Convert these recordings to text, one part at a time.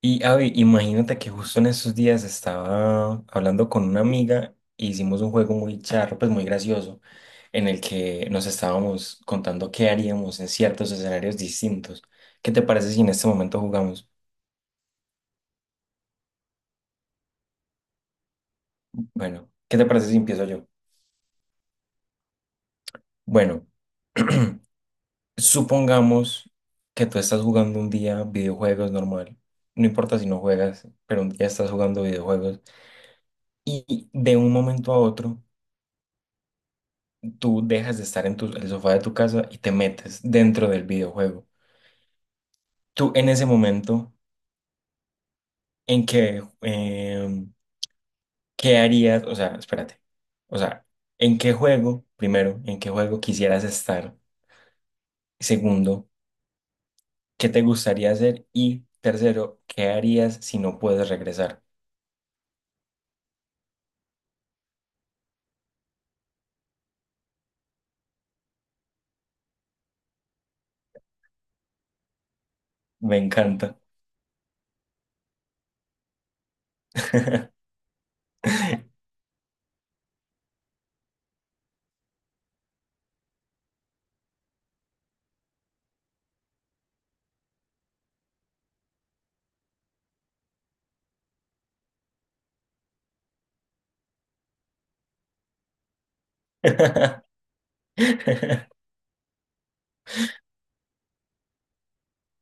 Y Avi, imagínate que justo en esos días estaba hablando con una amiga e hicimos un juego muy charro, pues muy gracioso, en el que nos estábamos contando qué haríamos en ciertos escenarios distintos. ¿Qué te parece si en este momento jugamos? Bueno, ¿qué te parece si empiezo yo? Bueno, supongamos que tú estás jugando un día videojuegos normal. No importa si no juegas, pero un día estás jugando videojuegos y de un momento a otro tú dejas de estar en el sofá de tu casa y te metes dentro del videojuego. Tú en ese momento, ¿en qué, eh, qué harías? O sea, espérate. O sea, ¿en qué juego, primero, en qué juego quisieras estar? Segundo, ¿qué te gustaría hacer? Y tercero, ¿qué harías si no puedes regresar? Me encanta.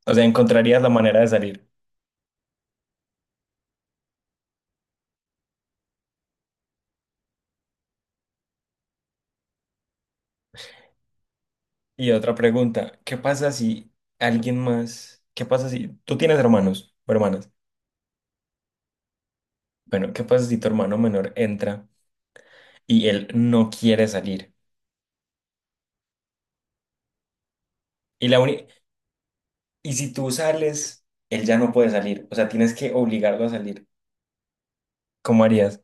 O sea, encontrarías la manera de salir. Y otra pregunta, ¿qué pasa si tú tienes hermanos o hermanas? Bueno, ¿qué pasa si tu hermano menor entra y él no quiere salir? Y, la uni- y si tú sales, él ya no puede salir. O sea, tienes que obligarlo a salir. ¿Cómo harías?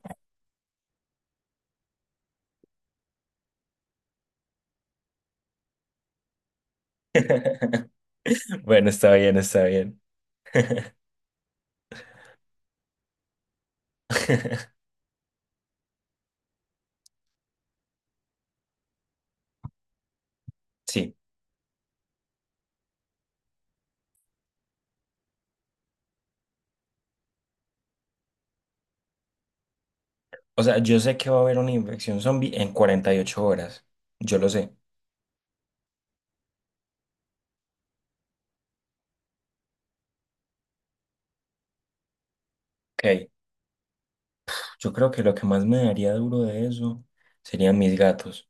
Bueno, está bien, está bien. Sí. O sea, yo sé que va a haber una infección zombie en 48 horas. Yo lo sé. Ok. Yo creo que lo que más me daría duro de eso serían mis gatos.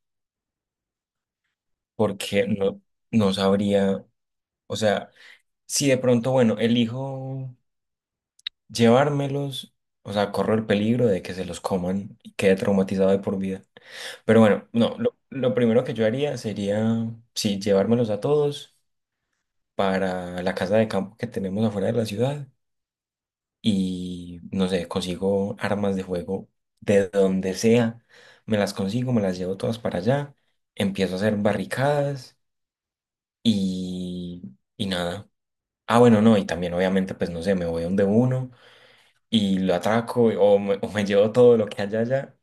Porque no, no sabría. O sea, si de pronto, bueno, elijo llevármelos, o sea, corro el peligro de que se los coman y quede traumatizado de por vida. Pero bueno, no, lo primero que yo haría sería, sí, llevármelos a todos para la casa de campo que tenemos afuera de la ciudad y, no sé, consigo armas de fuego de donde sea, me las consigo, me las llevo todas para allá, empiezo a hacer barricadas y, y nada. Ah, bueno, no, y también obviamente, pues no sé, me voy donde uno y lo atraco o me llevo todo lo que haya allá,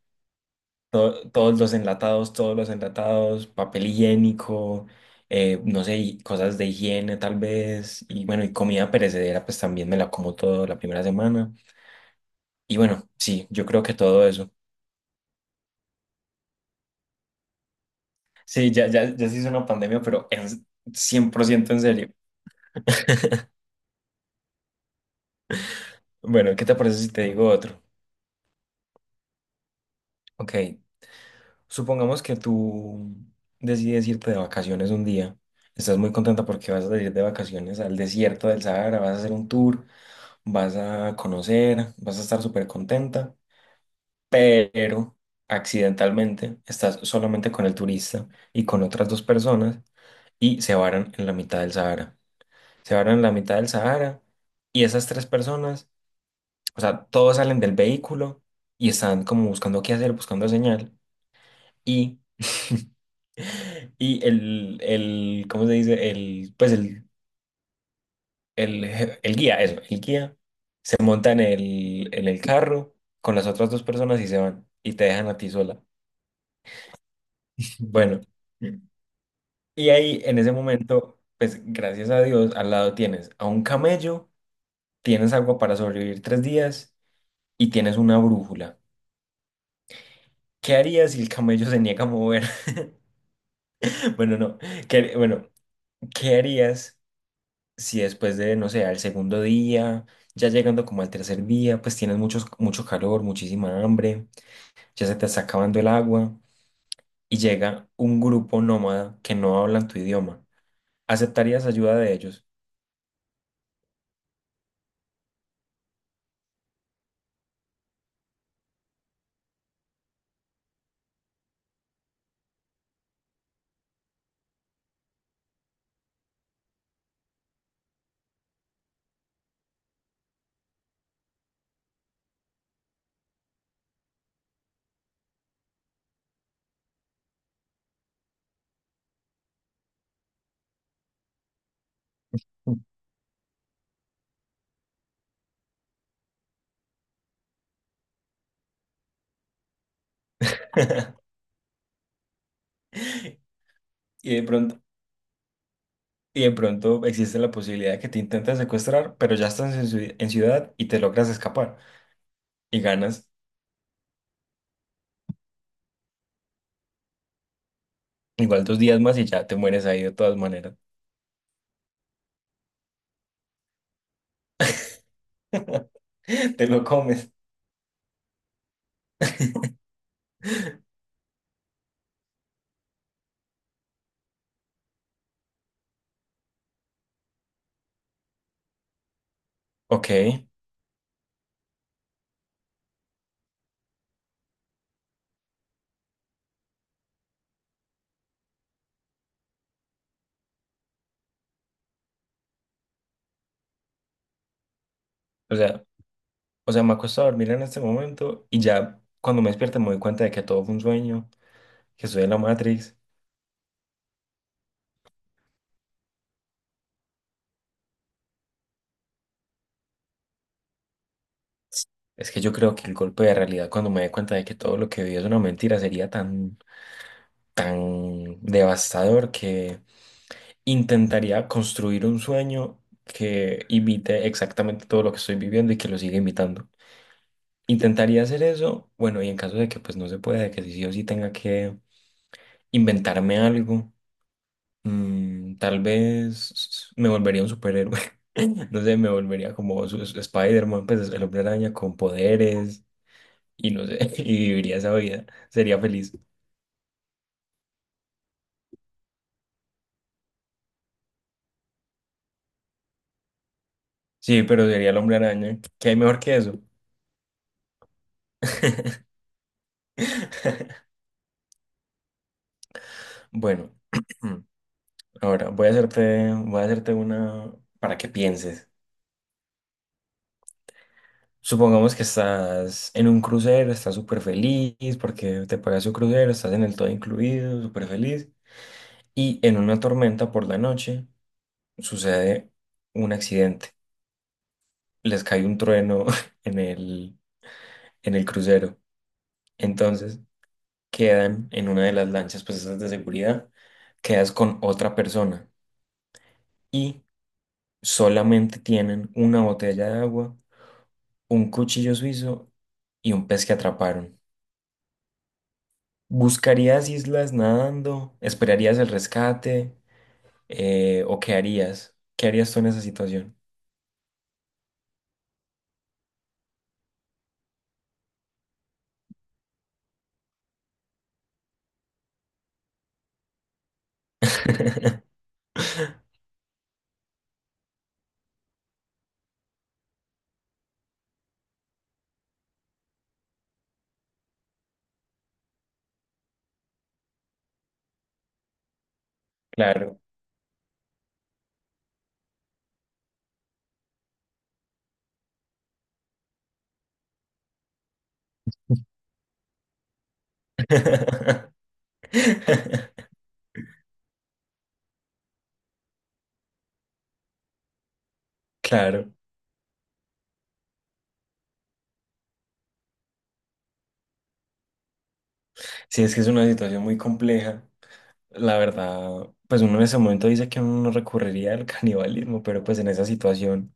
todos los enlatados, papel higiénico, no sé, y cosas de higiene tal vez, y bueno, y comida perecedera, pues también me la como todo la primera semana. Y bueno, sí, yo creo que todo eso. Sí, ya, ya, ya se hizo una pandemia, pero en 100% en serio. Bueno, ¿qué te parece si te digo otro? Ok, supongamos que tú decides irte de vacaciones un día. Estás muy contenta porque vas a ir de vacaciones al desierto del Sahara, vas a hacer un tour, vas a conocer, vas a estar súper contenta, pero accidentalmente estás solamente con el turista y con otras dos personas y se varan en la mitad del Sahara. Se varan en la mitad del Sahara y esas tres personas, o sea, todos salen del vehículo y están como buscando qué hacer, buscando señal. Y, y ¿cómo se dice? El, pues el, je- el guía, eso, el guía se monta en el carro con las otras dos personas y se van y te dejan a ti sola. Bueno, y ahí en ese momento, pues gracias a Dios, al lado tienes a un camello, tienes agua para sobrevivir 3 días y tienes una brújula. ¿Qué harías si el camello se niega a mover? Bueno, no. ¿Qué, bueno, ¿qué harías si después de, no sé, al segundo día, ya llegando como al tercer día, pues tienes muchos, mucho calor, muchísima hambre, ya se te está acabando el agua y llega un grupo nómada que no hablan tu idioma. ¿Aceptarías ayuda de ellos? Y de pronto, y de pronto existe la posibilidad de que te intenten secuestrar, pero ya estás en ciudad y te logras escapar y ganas igual 2 días más y ya te mueres ahí de todas maneras. Te lo comes. Ok. O sea, O sea, me acuesto a dormir en este momento y ya cuando me despierto me doy cuenta de que todo fue un sueño, que soy de la Matrix. Es que yo creo que el golpe de realidad cuando me dé cuenta de que todo lo que vi es una mentira sería tan, tan devastador que intentaría construir un sueño que imite exactamente todo lo que estoy viviendo y que lo siga imitando. Intentaría hacer eso, bueno, y en caso de que pues no se pueda, de que sí o sí tenga que inventarme algo. Mm, tal vez me volvería un superhéroe. No sé, me volvería como Spider-Man, pues el hombre araña con poderes y no sé, y viviría esa vida. Sería feliz. Sí, pero sería el hombre araña. ¿Qué hay mejor que eso? Bueno, ahora voy a hacerte una para que pienses. Supongamos que estás en un crucero, estás súper feliz porque te pagas un crucero, estás en el todo incluido, súper feliz. Y en una tormenta por la noche sucede un accidente. Les cae un trueno en el crucero. Entonces quedan en una de las lanchas, pues esas de seguridad, quedas con otra persona y solamente tienen una botella de agua, un cuchillo suizo y un pez que atraparon. ¿Buscarías islas nadando? ¿Esperarías el rescate? ¿O qué harías? ¿Qué harías tú en esa situación? Claro. Claro. Sí, es que es una situación muy compleja. La verdad, pues uno en ese momento dice que uno no recurriría al canibalismo, pero pues en esa situación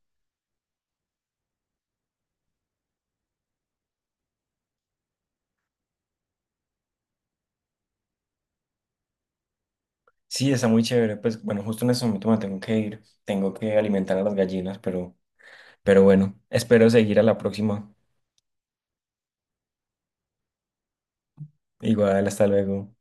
sí está muy chévere. Pues bueno, justo en ese momento me tengo que ir, tengo que alimentar a las gallinas, pero bueno, espero seguir a la próxima. Igual, hasta luego.